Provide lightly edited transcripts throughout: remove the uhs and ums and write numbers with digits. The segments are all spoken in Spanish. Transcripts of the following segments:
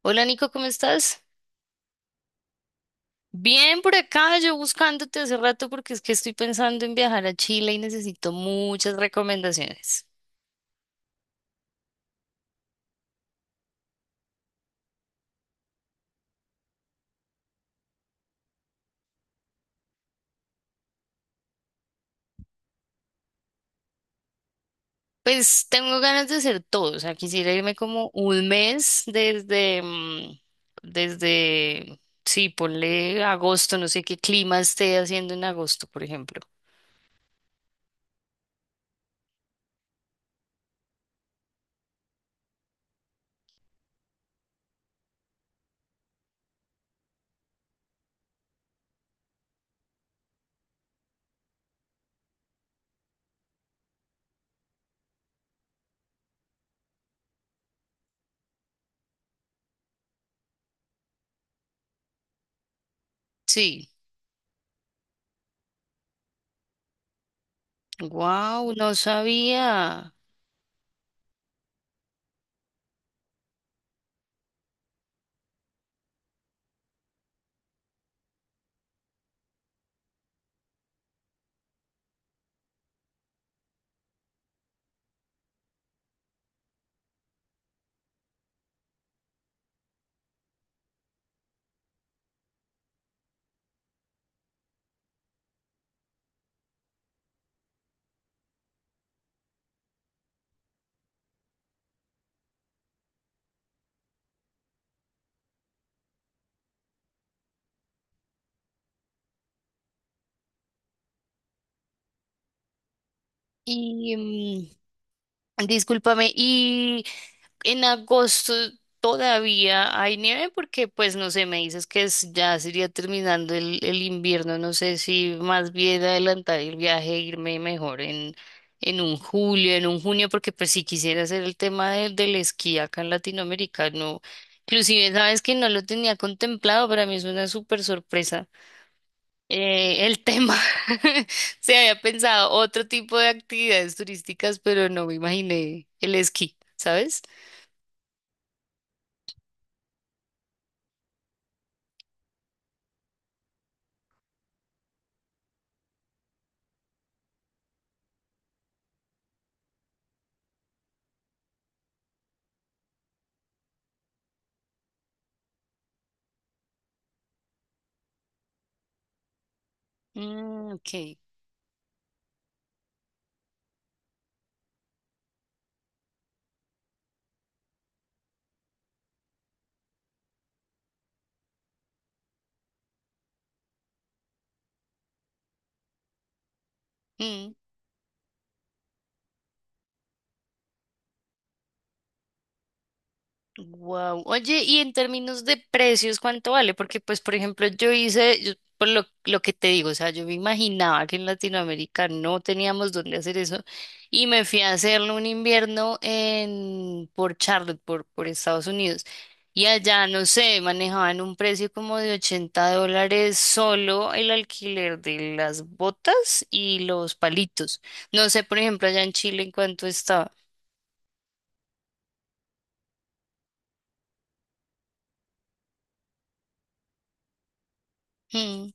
Hola Nico, ¿cómo estás? Bien por acá, yo buscándote hace rato porque es que estoy pensando en viajar a Chile y necesito muchas recomendaciones. Pues tengo ganas de hacer todo, o sea, quisiera irme como un mes desde, desde, sí, ponle agosto, no sé qué clima esté haciendo en agosto, por ejemplo. Sí, wow, no sabía. Y discúlpame, ¿y en agosto todavía hay nieve? Porque, pues, no sé, me dices que ya sería terminando el invierno. No sé si más bien adelantar el viaje, e irme mejor en un julio, en un junio, porque pues si quisiera hacer el tema del esquí acá en Latinoamérica, no. Inclusive, sabes que no lo tenía contemplado, para mí es una súper sorpresa. El tema, se había pensado otro tipo de actividades turísticas, pero no me imaginé el esquí, ¿sabes? Mm, ok. Wow. Oye, y en términos de precios, ¿cuánto vale? Porque, pues, por ejemplo, por lo que te digo, o sea, yo me imaginaba que en Latinoamérica no teníamos dónde hacer eso y me fui a hacerlo un invierno en, por Charlotte, por Estados Unidos. Y allá, no sé, manejaban un precio como de $80 solo el alquiler de las botas y los palitos. No sé, por ejemplo, allá en Chile, ¿en cuánto estaba? Mm.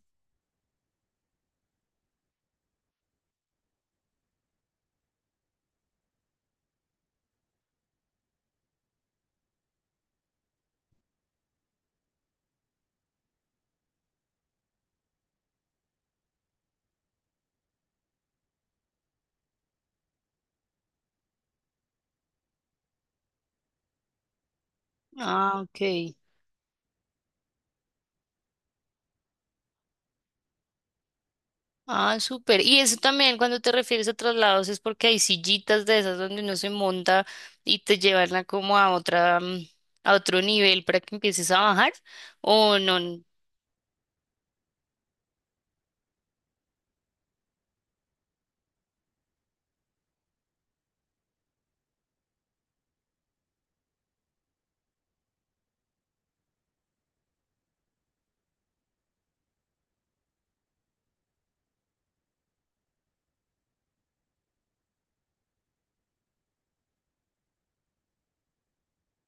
Ah, ok. Ah, súper. Y eso también cuando te refieres a traslados es porque hay sillitas de esas donde uno se monta y te llevan a como a otra, a otro nivel para que empieces a bajar. O no.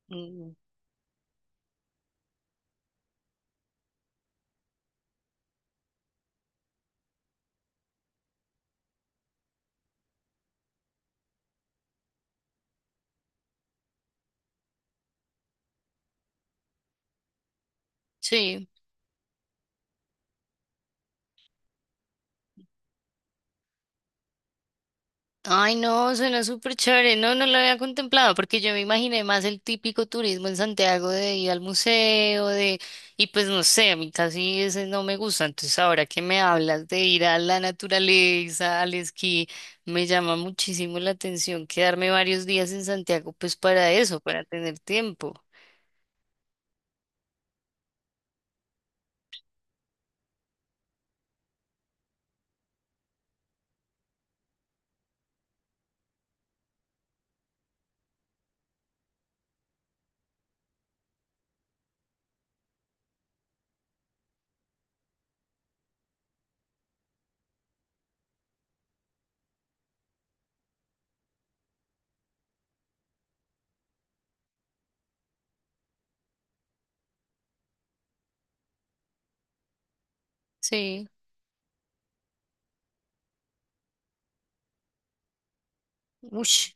Mm, sí. Ay, no, suena súper chévere. No, no lo había contemplado porque yo me imaginé más el típico turismo en Santiago de ir al museo, de... Y pues no sé, a mí casi ese no me gusta. Entonces ahora que me hablas de ir a la naturaleza, al esquí, me llama muchísimo la atención quedarme varios días en Santiago, pues para eso, para tener tiempo. Sí, uff.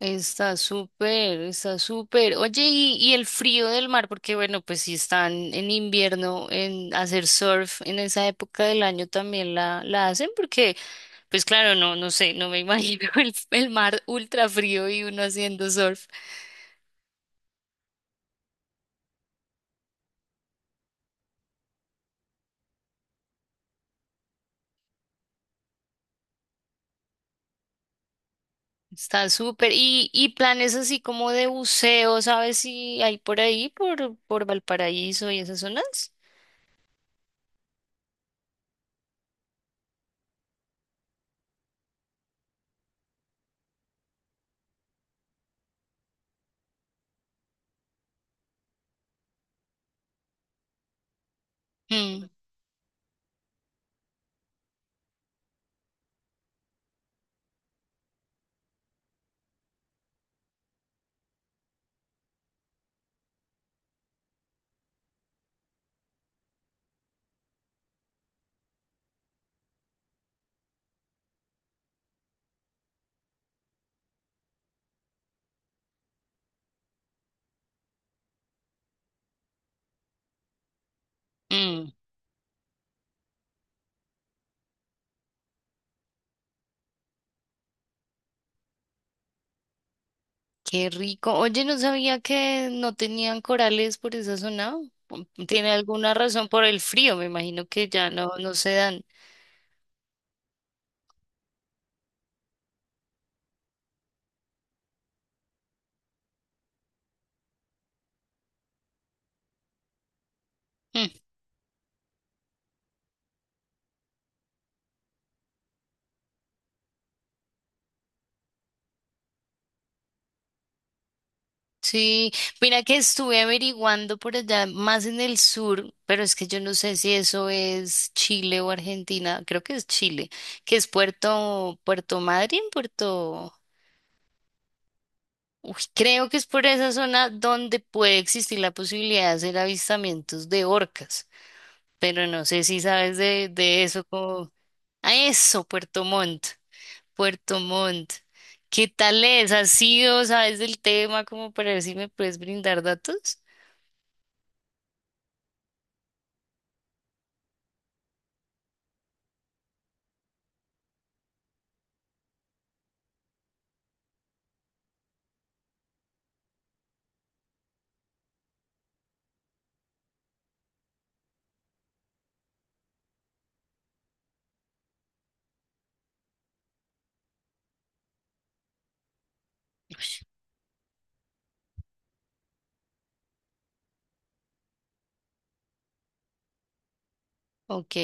Está súper, está súper. Oye, y el frío del mar, porque bueno, pues si están en invierno, en hacer surf en esa época del año también la hacen, porque pues claro, no, no sé, no me imagino el mar ultra frío y uno haciendo surf. Está súper. Y planes así como de buceo, ¿sabes si hay por ahí, por Valparaíso y esas zonas? Mm, mm. Qué rico. Oye, no sabía que no tenían corales por esa zona. Pum, tiene alguna razón por el frío, me imagino que ya no se dan. Mm, sí, mira que estuve averiguando por allá, más en el sur, pero es que yo no sé si eso es Chile o Argentina, creo que es Chile, que es Puerto, Puerto Madryn, Puerto... Uy, creo que es por esa zona donde puede existir la posibilidad de hacer avistamientos de orcas, pero no sé si sabes de eso. A eso, Puerto Montt, Puerto Montt. ¿Qué tal es? ¿Has sido, sabes del tema como para ver si me puedes brindar datos? Ush. Ok.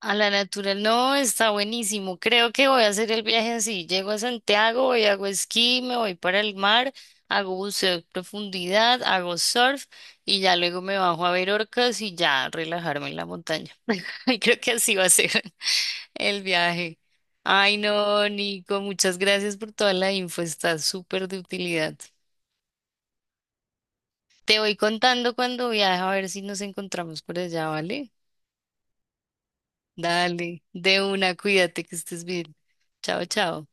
A la natural, no, está buenísimo. Creo que voy a hacer el viaje así. Llego a Santiago, voy, hago esquí, me voy para el mar, hago buceo de profundidad, hago surf y ya luego me bajo a ver orcas y ya relajarme en la montaña. Y creo que así va a ser el viaje. Ay, no, Nico, muchas gracias por toda la info, está súper de utilidad. Te voy contando cuando viaje a ver si nos encontramos por allá, ¿vale? Dale, de una, cuídate que estés bien. Chao, chao.